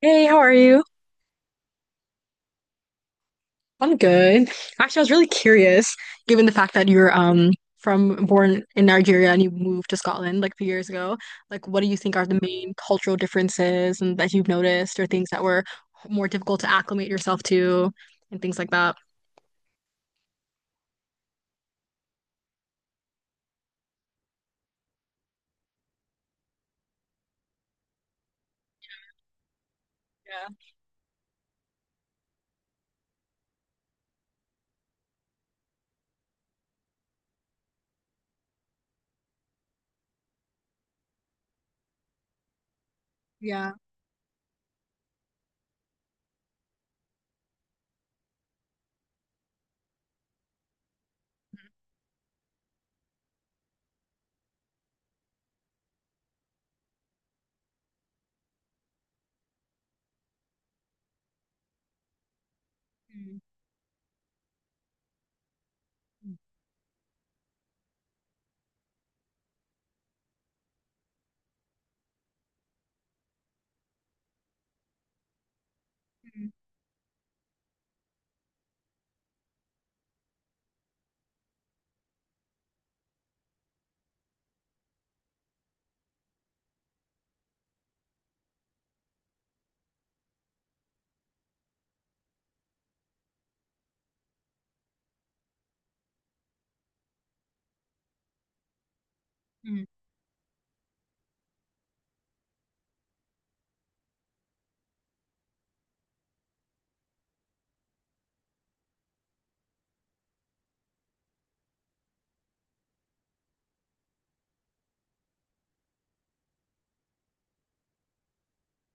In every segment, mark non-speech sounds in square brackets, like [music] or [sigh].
Hey, how are you? I'm good. Actually, I was really curious, given the fact that you're from born in Nigeria and you moved to Scotland like a few years ago. Like, what do you think are the main cultural differences and that you've noticed, or things that were more difficult to acclimate yourself to, and things like that? Yeah. Yeah. Mm, mm,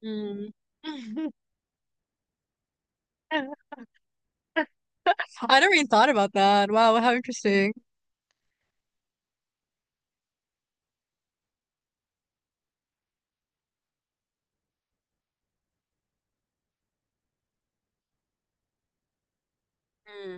mm, mm. [laughs] I never even thought about that. Wow, how interesting. Mm.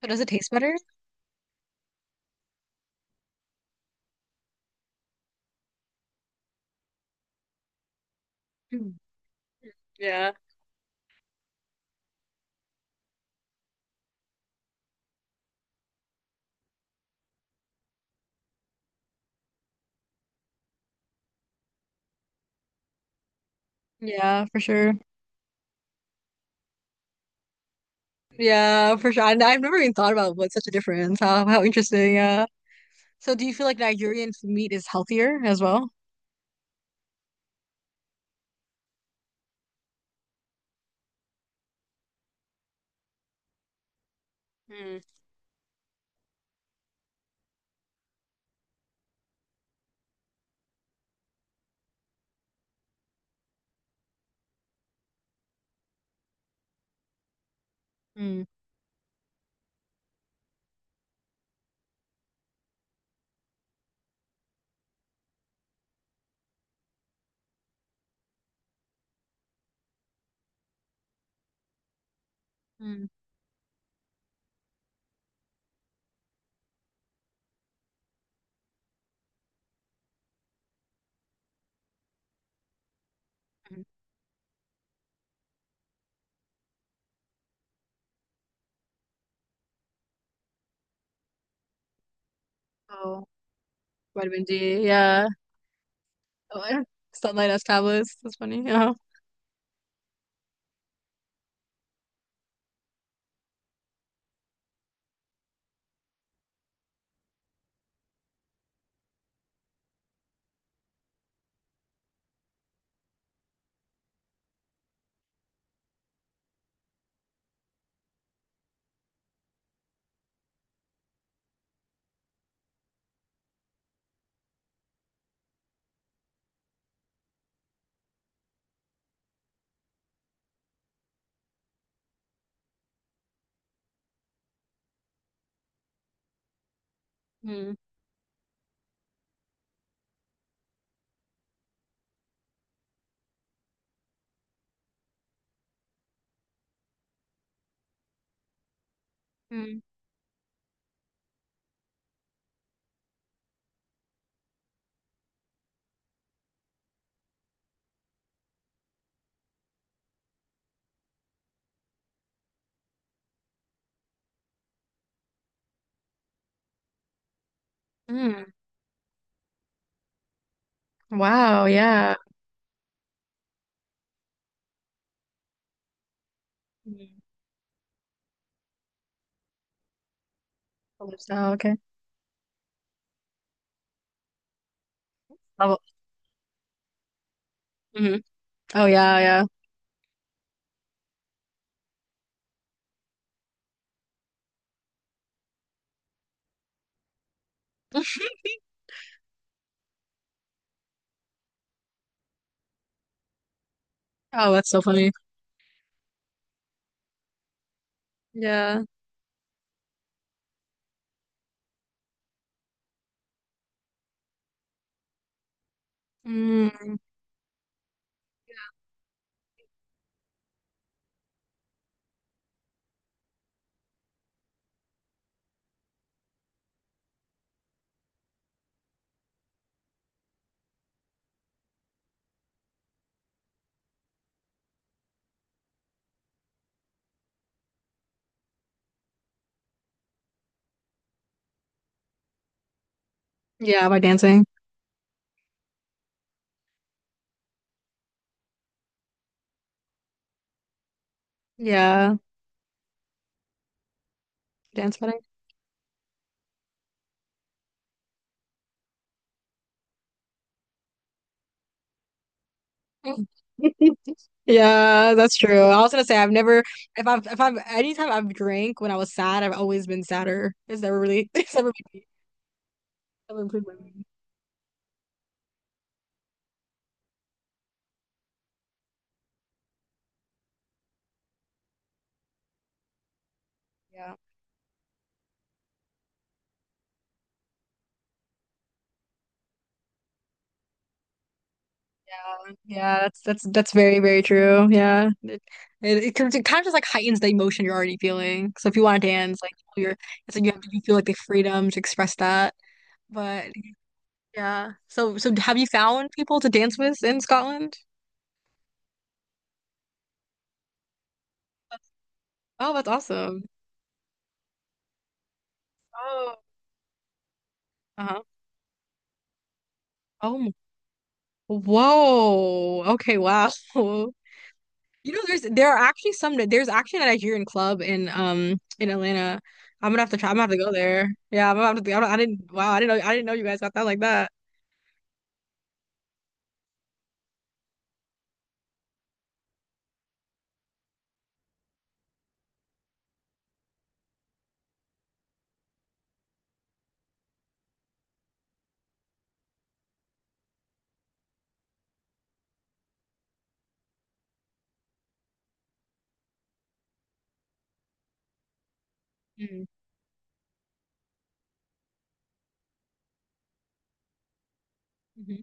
So does it taste better? Mm. Yeah. Yeah, for sure. Yeah, for sure. And I've never even thought about what such a difference. How interesting. Yeah. So do you feel like Nigerian f- meat is healthier as well? Mm. Mm. Mm. Mm. Oh, vitamin D. Yeah. Oh, I- Sunlight as tablets. That's funny. Yeah. Mm. Mm. Mm. Wow. Yeah. Mm. Oh, lifestyle, okay. Oh, mm. Oh, yeah. Yeah. [laughs] Oh, that's so funny. Yeah. Mm. Yeah. By dancing. Yeah. Dance wedding. [laughs] Yeah, that's true. I was gonna say I've never if I've if I've anytime I've drank when I was sad, I've always been sadder. It's never really [laughs] it's never made never improved my mood. Yeah. Yeah. Yeah, that's that's very, very true. Yeah. It kind of just like heightens the emotion you're already feeling. So if you want to dance, like you're it's like you have to you feel like the freedom to express that. But yeah. So have you found people to dance with in Scotland? That's- Oh, that's awesome. Oh, uh-huh. Oh, whoa. Okay, wow. [laughs] You know, there are actually some there's actually a Nigerian club in Atlanta. I'm gonna have to try. I'm gonna have to go there. Yeah, I'm gonna have to. I, don't, I didn't. Wow, I didn't know. I didn't know you guys got that like that. Mm, mhm.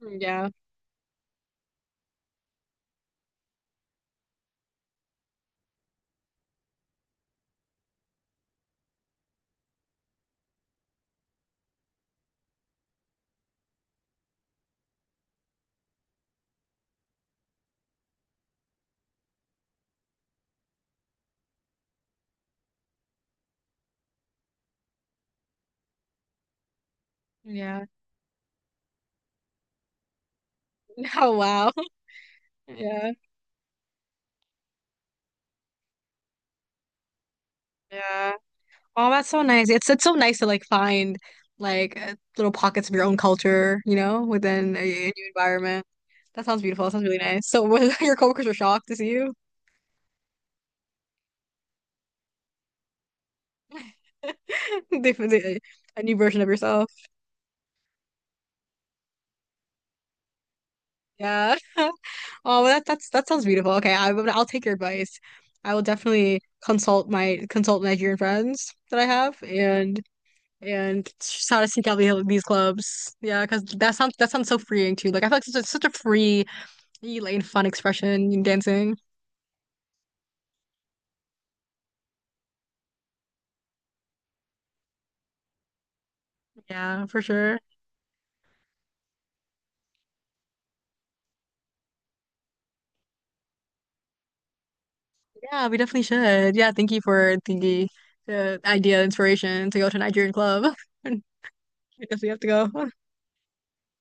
Mm, yeah, yeah. [laughs] Oh, wow. [laughs] Yeah, yeah. Oh, that's so nice. It's so nice to like find like little pockets of your own culture, you know, within a new environment. That sounds beautiful. That sounds really nice. So, [laughs] was your coworkers were shocked to see you? [laughs] Definitely a new version of yourself. Yeah. [laughs] Oh, well, that's that sounds beautiful. Okay, I'll take your advice. I will definitely consult Nigerian friends that I have and just how to seek out these clubs. Yeah, because that sounds so freeing too. Like I feel like such a free, and fun expression in dancing. Yeah, for sure. Yeah, we definitely should. Yeah, thank you for the idea, inspiration to go to a Nigerian club. [laughs] I guess we have to go.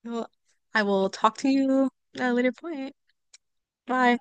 Well, I will talk to you at a later point. Bye.